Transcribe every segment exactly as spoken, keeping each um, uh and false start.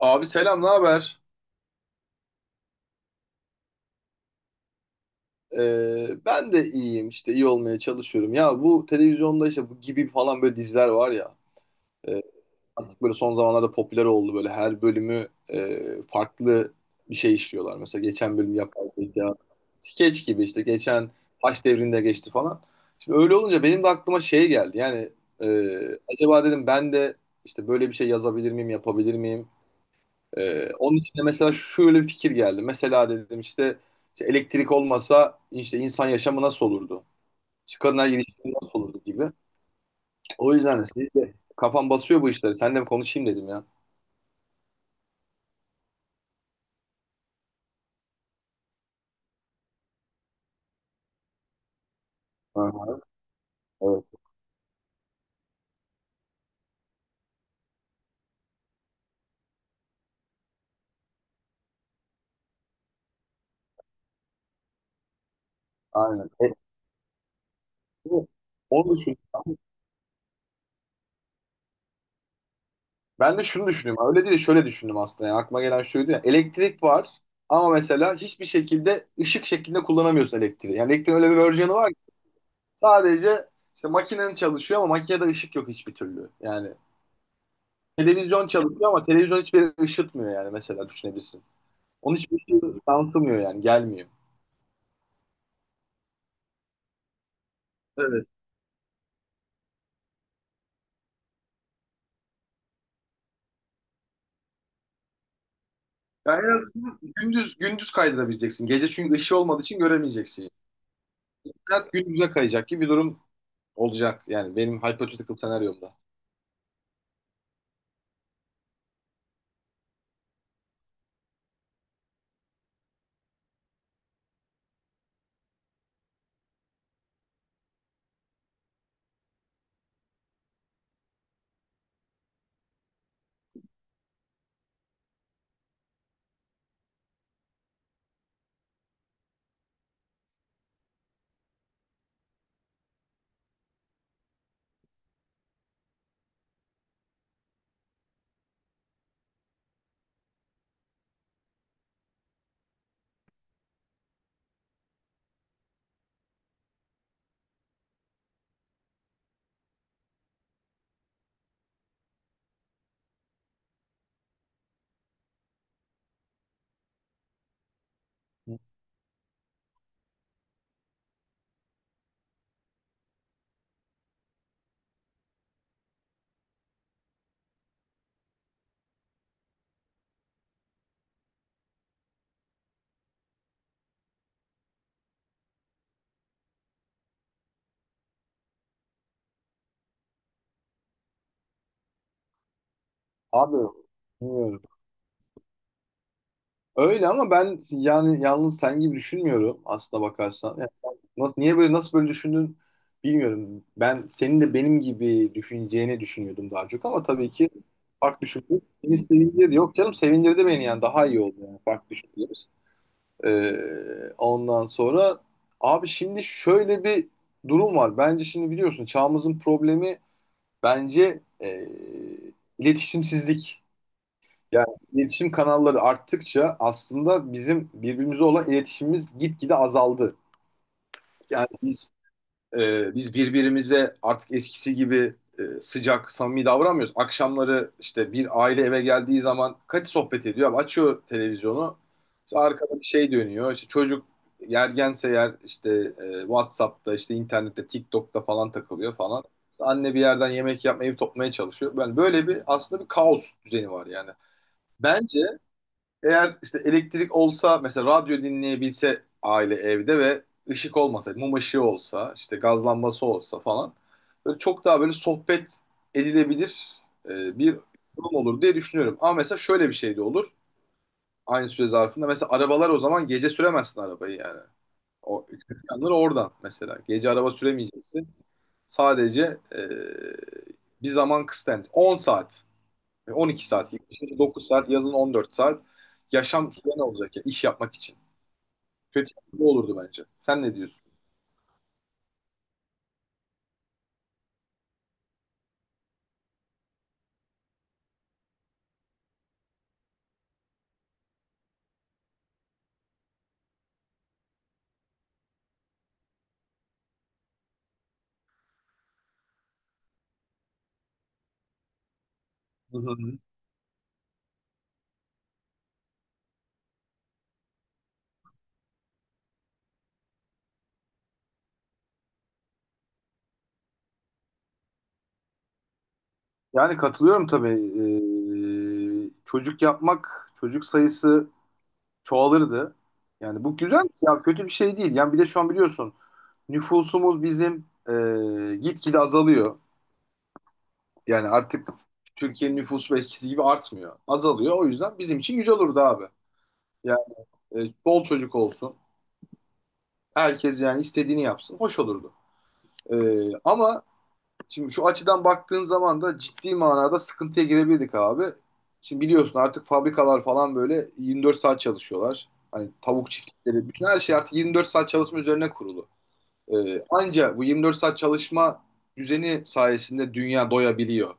Abi selam, ne haber? Ee, ben de iyiyim işte iyi olmaya çalışıyorum. Ya bu televizyonda işte bu gibi falan böyle diziler var ya. e, artık böyle son zamanlarda popüler oldu böyle her bölümü e, farklı bir şey işliyorlar. Mesela geçen bölüm yapay zeka, skeç gibi işte geçen Haç devrinde geçti falan. Şimdi öyle olunca benim de aklıma şey geldi. Yani e, acaba dedim ben de işte böyle bir şey yazabilir miyim, yapabilir miyim? Ee, onun için de mesela şöyle bir fikir geldi. Mesela dedim işte, işte elektrik olmasa işte insan yaşamı nasıl olurdu? İşte kadınlar ilişkisi nasıl olurdu gibi. O yüzden de siz de kafam basıyor bu işleri. Seninle bir konuşayım dedim ya. Aha, evet. Aynen. E, onu düşündüm. Ben de şunu düşünüyorum. Öyle değil de şöyle düşündüm aslında. Yani aklıma gelen şuydu ya. Elektrik var ama mesela hiçbir şekilde ışık şeklinde kullanamıyorsun elektriği. Yani elektriğin öyle bir versiyonu var ki sadece işte makinen çalışıyor ama makinede ışık yok hiçbir türlü. Yani televizyon çalışıyor ama televizyon hiçbir yere ışıtmıyor yani mesela düşünebilirsin. Onun hiçbir şey yansımıyor yani gelmiyor. Evet. Yani en azından gündüz gündüz kaydedebileceksin. Gece çünkü ışığı olmadığı için göremeyeceksin. Hayat gündüze kayacak gibi bir durum olacak yani benim hypothetical senaryomda. Abi bilmiyorum. Öyle ama ben yani yalnız sen gibi düşünmüyorum aslına bakarsan. Yani sen nasıl, niye böyle nasıl böyle düşündün bilmiyorum. Ben senin de benim gibi düşüneceğini düşünüyordum daha çok ama tabii ki farklı düşündüm. Beni sevindirdi. Yok canım sevindirdi beni yani daha iyi oldu yani farklı düşündüğümüz. Ee, ondan sonra abi şimdi şöyle bir durum var. Bence şimdi biliyorsun çağımızın problemi bence e, iletişimsizlik. Yani iletişim kanalları arttıkça aslında bizim birbirimize olan iletişimimiz gitgide azaldı. Yani biz e, biz birbirimize artık eskisi gibi e, sıcak, samimi davranmıyoruz. Akşamları işte bir aile eve geldiği zaman kaç sohbet ediyor? Abi açıyor televizyonu. İşte arkada bir şey dönüyor. İşte çocuk yergense yer işte e, WhatsApp'ta, işte internette, TikTok'ta falan takılıyor falan. İşte anne bir yerden yemek yapmayı toplamaya çalışıyor. Yani böyle bir aslında bir kaos düzeni var yani. Bence eğer işte elektrik olsa mesela radyo dinleyebilse aile evde ve ışık olmasa, mum ışığı olsa, işte gaz lambası olsa falan böyle çok daha böyle sohbet edilebilir e, bir durum olur diye düşünüyorum. Ama mesela şöyle bir şey de olur aynı süre zarfında. Mesela arabalar o zaman gece süremezsin arabayı yani. O yanları oradan mesela. Gece araba süremeyeceksin. Sadece e, bir zaman kısıtlı. On saat. on iki saat, kışın dokuz saat, yazın on dört saat yaşam süren olacak ya iş yapmak için. Kötü bu olurdu bence. Sen ne diyorsun? Hı hı. Yani katılıyorum tabii. Ee, çocuk yapmak, çocuk sayısı çoğalırdı. Yani bu güzel ya kötü bir şey değil. Yani bir de şu an biliyorsun nüfusumuz bizim ee, gitgide azalıyor. Yani artık Türkiye'nin nüfusu eskisi gibi artmıyor. Azalıyor. O yüzden bizim için güzel olurdu abi. Yani e, bol çocuk olsun. Herkes yani istediğini yapsın. Hoş olurdu. Ee, ama şimdi şu açıdan baktığın zaman da ciddi manada sıkıntıya girebildik abi. Şimdi biliyorsun artık fabrikalar falan böyle yirmi dört saat çalışıyorlar. Hani tavuk çiftlikleri, bütün her şey artık yirmi dört saat çalışma üzerine kurulu. Ee, anca bu yirmi dört saat çalışma düzeni sayesinde dünya doyabiliyor.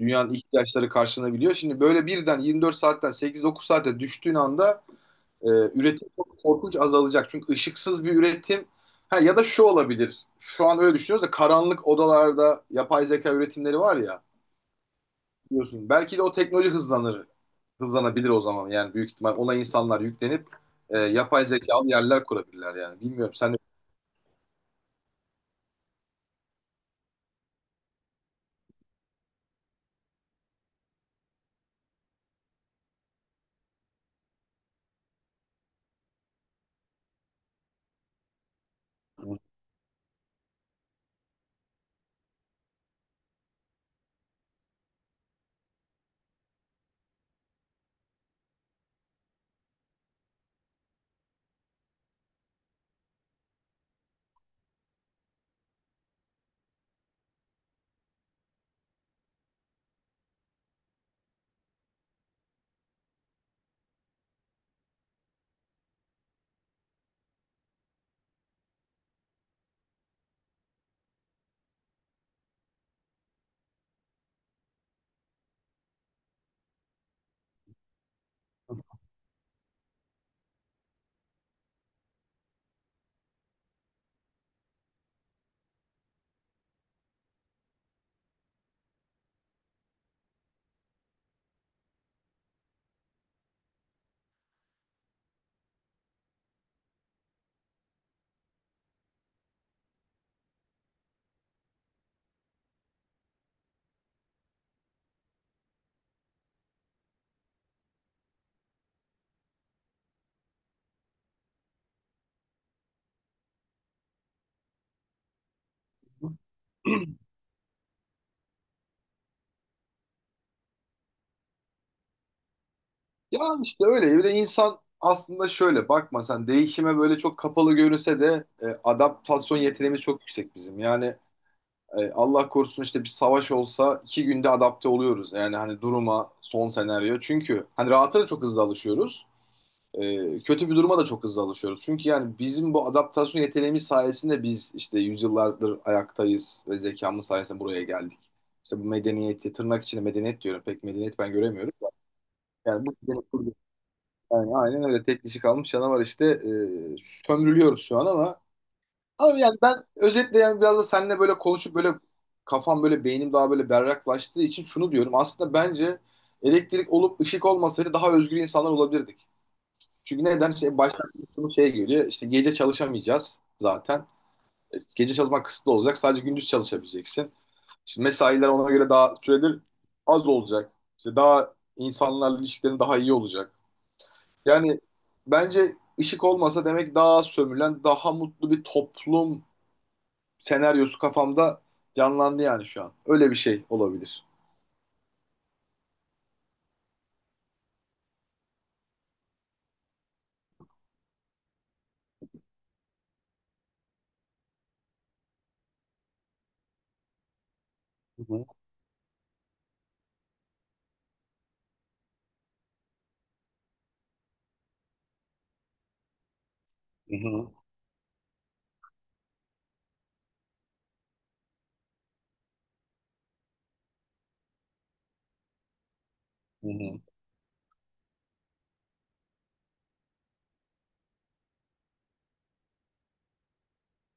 Dünyanın ihtiyaçları karşılanabiliyor. Şimdi böyle birden yirmi dört saatten sekiz dokuz saate düştüğün anda ee, üretim çok korkunç azalacak. Çünkü ışıksız bir üretim ha, ya da şu olabilir. Şu an öyle düşünüyoruz da karanlık odalarda yapay zeka üretimleri var ya biliyorsun. Belki de o teknoloji hızlanır. Hızlanabilir o zaman yani büyük ihtimal ona insanlar yüklenip e, yapay zekalı yerler kurabilirler yani. Bilmiyorum sen de ya işte öyle bir de insan aslında şöyle bakma sen değişime böyle çok kapalı görünse de e, adaptasyon yeteneğimiz çok yüksek bizim. Yani E, Allah korusun işte bir savaş olsa iki günde adapte oluyoruz. Yani hani duruma, son senaryo. Çünkü hani rahata da çok hızlı alışıyoruz. E, kötü bir duruma da çok hızlı alışıyoruz. Çünkü yani bizim bu adaptasyon yeteneğimiz sayesinde biz işte yüzyıllardır ayaktayız ve zekamız sayesinde buraya geldik. İşte bu medeniyeti, tırnak içinde medeniyet diyorum. Pek medeniyet ben göremiyorum. Yani bu yani aynen öyle tek dişi kalmış canavar işte e, sömürülüyoruz şu an ama abi yani ben özetle yani biraz da seninle böyle konuşup böyle kafam böyle beynim daha böyle berraklaştığı için şunu diyorum. Aslında bence elektrik olup ışık olmasaydı daha özgür insanlar olabilirdik. Çünkü neden? Şey, baştan şunu şey geliyor. İşte gece çalışamayacağız zaten. E, Gece çalışmak kısıtlı olacak. Sadece gündüz çalışabileceksin. İşte mesailer ona göre daha süredir az olacak. İşte daha insanlarla ilişkilerin daha iyi olacak. Yani bence ışık olmasa demek daha az sömürülen, daha mutlu bir toplum senaryosu kafamda canlandı yani şu an. Öyle bir şey olabilir. Hı hı, hı hı, hı hı,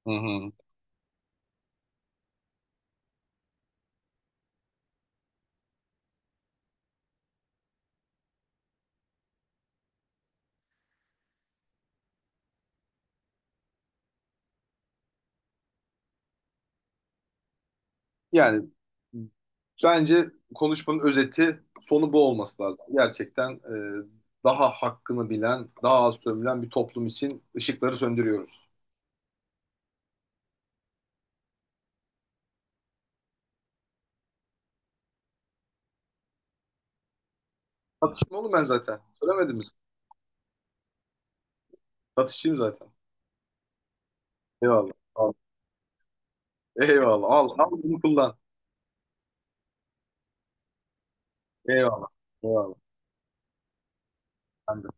hı hı. Yani bence konuşmanın özeti sonu bu olması lazım. Gerçekten e, daha hakkını bilen, daha az sömülen bir toplum için ışıkları söndürüyoruz. Satışım oğlum ben zaten. Söylemedim mi? Satışçıyım zaten. Eyvallah. Al. Eyvallah. Al. Al bunu kullan. Eyvallah. Eyvallah. Ben de.